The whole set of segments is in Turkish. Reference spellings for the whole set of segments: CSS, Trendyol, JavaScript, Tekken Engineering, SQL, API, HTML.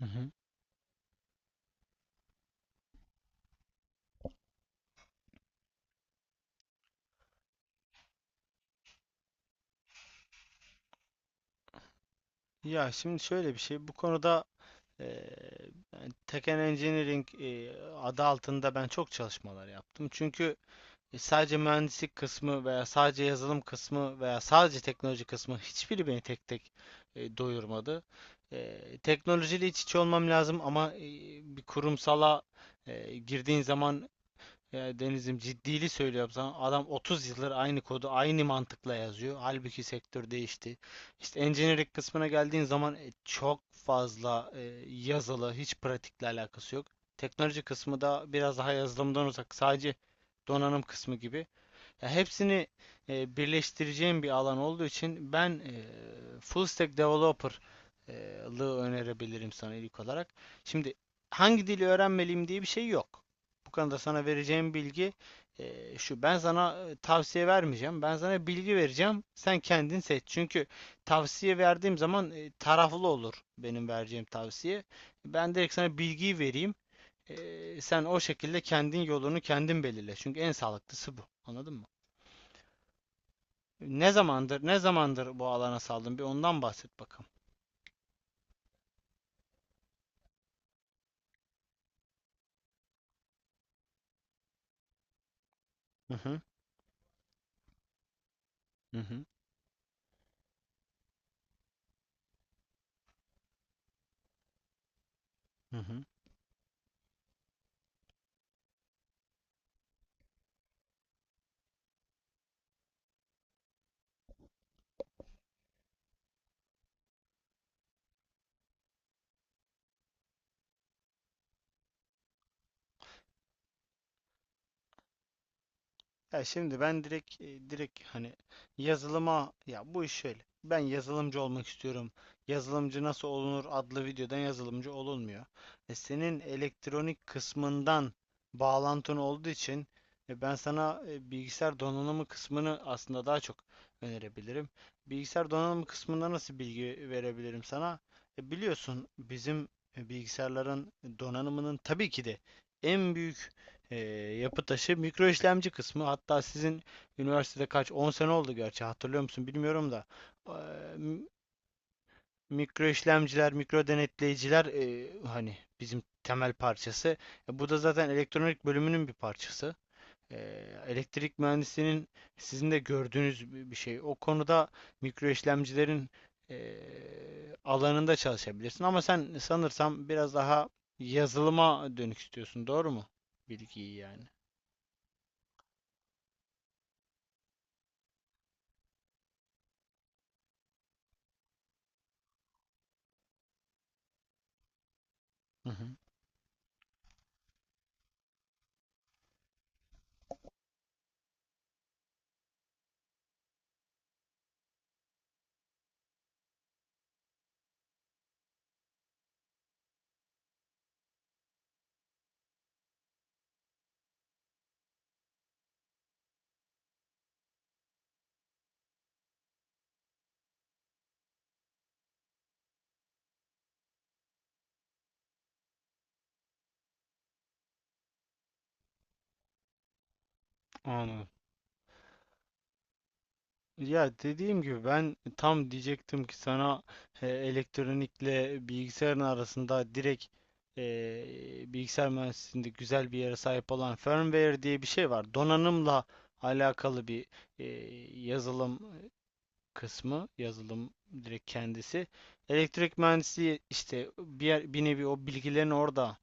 Hı hı. Ya şimdi şöyle bir şey, bu konuda eee Tekken Engineering, adı altında ben çok çalışmalar yaptım. Çünkü sadece mühendislik kısmı veya sadece yazılım kısmı veya sadece teknoloji kısmı hiçbiri beni tek tek doyurmadı. Teknolojiyle iç içe olmam lazım ama bir kurumsala girdiğin zaman. Ya Deniz'im ciddili söylüyorum sana. Adam 30 yıldır aynı kodu aynı mantıkla yazıyor. Halbuki sektör değişti. İşte engineering kısmına geldiğin zaman çok fazla yazılı, hiç pratikle alakası yok. Teknoloji kısmı da biraz daha yazılımdan uzak. Sadece donanım kısmı gibi. Ya hepsini birleştireceğim bir alan olduğu için ben full stack developerlığı önerebilirim sana ilk olarak. Şimdi hangi dili öğrenmeliyim diye bir şey yok. Bu konuda sana vereceğim bilgi şu. Ben sana tavsiye vermeyeceğim. Ben sana bilgi vereceğim. Sen kendin seç. Çünkü tavsiye verdiğim zaman taraflı olur benim vereceğim tavsiye. Ben direkt sana bilgiyi vereyim. Sen o şekilde kendin yolunu kendin belirle. Çünkü en sağlıklısı bu. Anladın mı? Ne zamandır bu alana saldın? Bir ondan bahset bakalım. Hı hı. Hı hı. Hı hı. Ya şimdi ben direkt hani yazılıma, ya bu iş şöyle. Ben yazılımcı olmak istiyorum. Yazılımcı nasıl olunur adlı videodan yazılımcı olunmuyor. Senin elektronik kısmından bağlantın olduğu için ben sana bilgisayar donanımı kısmını aslında daha çok önerebilirim. Bilgisayar donanımı kısmında nasıl bilgi verebilirim sana? Biliyorsun bizim bilgisayarların donanımının tabii ki de en büyük ee, yapı taşı mikro işlemci kısmı, hatta sizin üniversitede kaç 10 sene oldu gerçi, hatırlıyor musun bilmiyorum da. Ee, mikro işlemciler, mikro denetleyiciler, hani bizim temel parçası. Bu da zaten elektronik bölümünün bir parçası. Elektrik mühendisliğinin sizin de gördüğünüz bir şey o konuda. Mikro işlemcilerin e, alanında çalışabilirsin ama sen sanırsam biraz daha yazılıma dönük istiyorsun, doğru mu bilgiyi yani? Hı hı. Anladım. Ya dediğim gibi ben tam diyecektim ki sana elektronikle bilgisayarın arasında direkt bilgisayar mühendisliğinde güzel bir yere sahip olan firmware diye bir şey var. Donanımla alakalı bir e, yazılım kısmı, yazılım direkt kendisi. Elektrik mühendisliği işte bir nevi o bilgilerini orada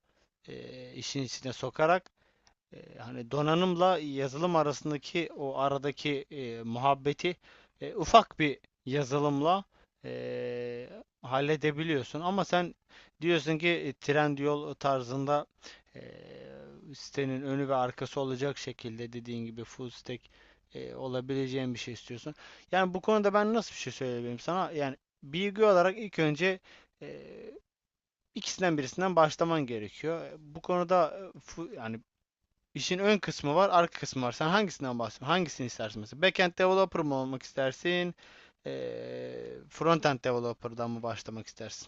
işin içine sokarak. Hani donanımla yazılım arasındaki o aradaki muhabbeti ufak bir yazılımla e, halledebiliyorsun. Ama sen diyorsun ki Trendyol tarzında e, sitenin önü ve arkası olacak şekilde, dediğin gibi full stack olabileceğin bir şey istiyorsun. Yani bu konuda ben nasıl bir şey söyleyebilirim sana? Yani bilgi olarak ilk önce e, ikisinden birisinden başlaman gerekiyor. Bu konuda yani, İşin ön kısmı var, arka kısmı var. Sen hangisinden bahsediyorsun? Hangisini istersin mesela? Backend developer mı olmak istersin? Frontend developer'dan mı başlamak istersin?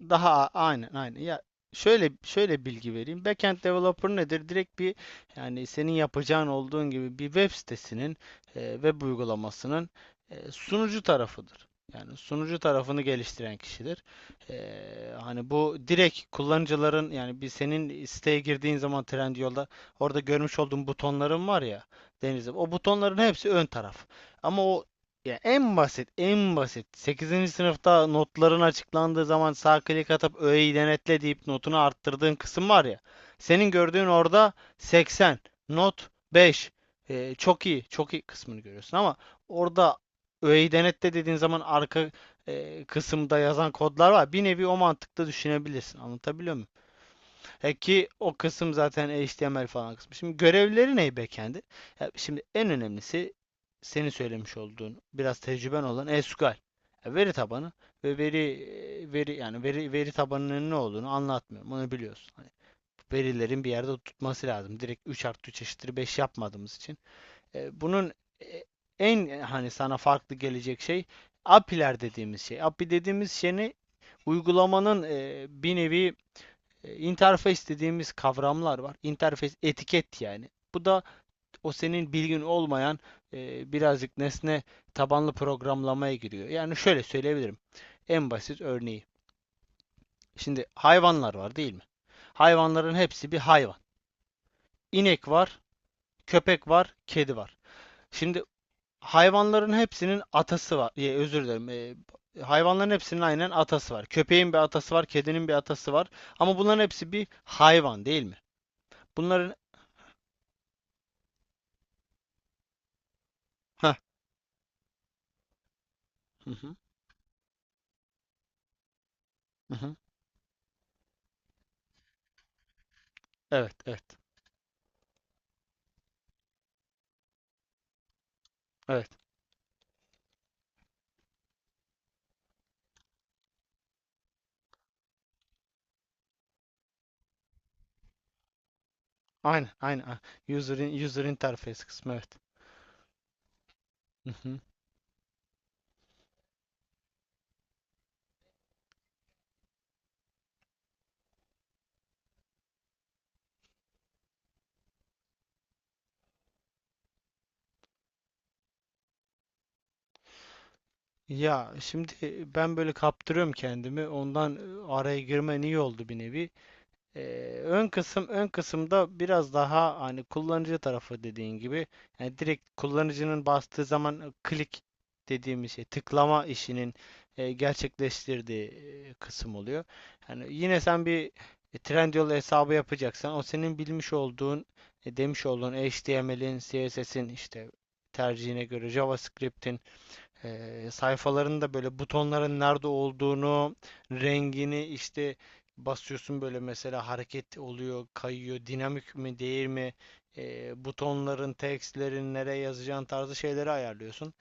Daha aynen, aynen. Ya şöyle şöyle bilgi vereyim. Backend developer nedir? Direkt bir, yani senin yapacağın olduğun gibi bir web sitesinin web uygulamasının sunucu tarafıdır. Yani sunucu tarafını geliştiren kişidir. E, hani bu direkt kullanıcıların, yani bir senin siteye girdiğin zaman Trendyol'da orada görmüş olduğun butonların var ya Deniz'im. O butonların hepsi ön taraf. Ama o ya, en basit, en basit. Sekizinci sınıfta notların açıklandığı zaman sağ klik atıp öğeyi denetle deyip notunu arttırdığın kısım var ya. Senin gördüğün orada 80, not 5, çok iyi, çok iyi kısmını görüyorsun ama orada öğeyi denetle dediğin zaman arka kısımda yazan kodlar var. Bir nevi o mantıkta düşünebilirsin. Anlatabiliyor muyum? Ki o kısım zaten HTML falan kısmı. Şimdi görevleri ne backend'i? Ya şimdi en önemlisi senin söylemiş olduğun biraz tecrüben olan SQL. Ya veri tabanı ve veri e, veri yani veri veri tabanının ne olduğunu anlatmıyorum. Onu biliyorsun. Hani verilerin bir yerde tutması lazım. Direkt 3 artı 3 eşittir 5 yapmadığımız için. Bunun e, en hani sana farklı gelecek şey, API'ler dediğimiz şey. API dediğimiz şey ne? Uygulamanın bir nevi interface dediğimiz kavramlar var. Interface etiket yani. Bu da o senin bilgin olmayan birazcık nesne tabanlı programlamaya giriyor. Yani şöyle söyleyebilirim. En basit örneği. Şimdi hayvanlar var değil mi? Hayvanların hepsi bir hayvan. İnek var, köpek var, kedi var. Şimdi hayvanların hepsinin atası var. Ya, özür dilerim. Hayvanların hepsinin aynen atası var. Köpeğin bir atası var, kedinin bir atası var. Ama bunların hepsi bir hayvan değil mi? Bunların... Heh, hı hı, hı hı. Evet, evet. Evet. Aynen, aynen. User interface kısmı, evet. Hı hı. Ya şimdi ben böyle kaptırıyorum kendimi. Ondan araya girmen iyi oldu bir nevi. Ön kısım, ön kısımda biraz daha hani kullanıcı tarafı dediğin gibi, yani direkt kullanıcının bastığı zaman klik dediğimiz şey, tıklama işinin gerçekleştirdiği kısım oluyor. Yani yine sen bir Trendyol hesabı yapacaksan o senin bilmiş olduğun, demiş olduğun HTML'in, CSS'in, işte tercihine göre JavaScript'in, sayfaların da böyle butonların nerede olduğunu, rengini, işte basıyorsun, böyle mesela hareket oluyor, kayıyor, dinamik mi değil mi, butonların, tekstlerin nereye yazacağın tarzı şeyleri ayarlıyorsun.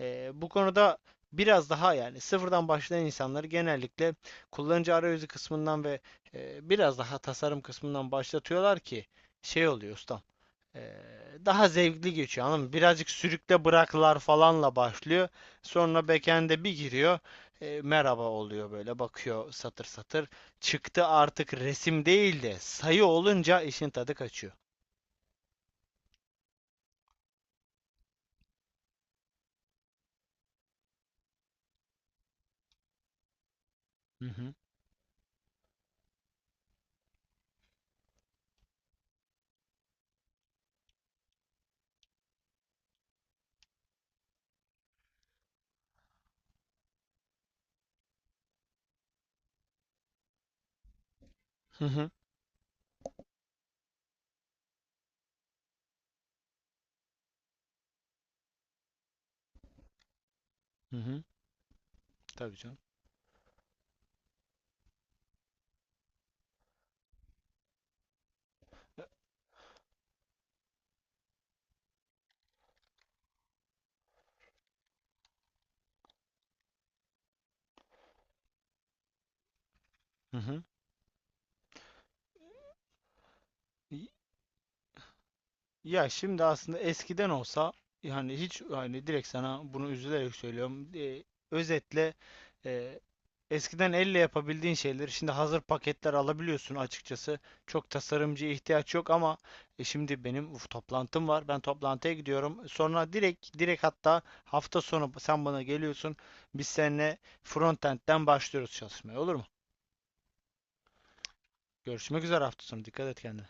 Bu konuda biraz daha, yani sıfırdan başlayan insanları genellikle kullanıcı arayüzü kısmından ve biraz daha tasarım kısmından başlatıyorlar ki şey oluyor Usta. Ee, daha zevkli geçiyor, anladın mı? Birazcık sürükle bıraklar falanla başlıyor. Sonra backend'e bir giriyor. Merhaba oluyor, böyle bakıyor satır satır. Çıktı artık resim değil de sayı olunca işin tadı kaçıyor. Hı hı. Hı hı. Hı hı. Tabii canım. Hı hı. Ya şimdi aslında eskiden olsa, yani hiç hani direkt sana bunu üzülerek söylüyorum. Özetle, e, eskiden elle yapabildiğin şeyleri şimdi hazır paketler alabiliyorsun açıkçası. Çok tasarımcıya ihtiyaç yok ama şimdi benim, uf, toplantım var. Ben toplantıya gidiyorum. Sonra direkt, hatta hafta sonu sen bana geliyorsun. Biz seninle frontend'den başlıyoruz çalışmaya, olur mu? Görüşmek üzere hafta sonu. Dikkat et kendine.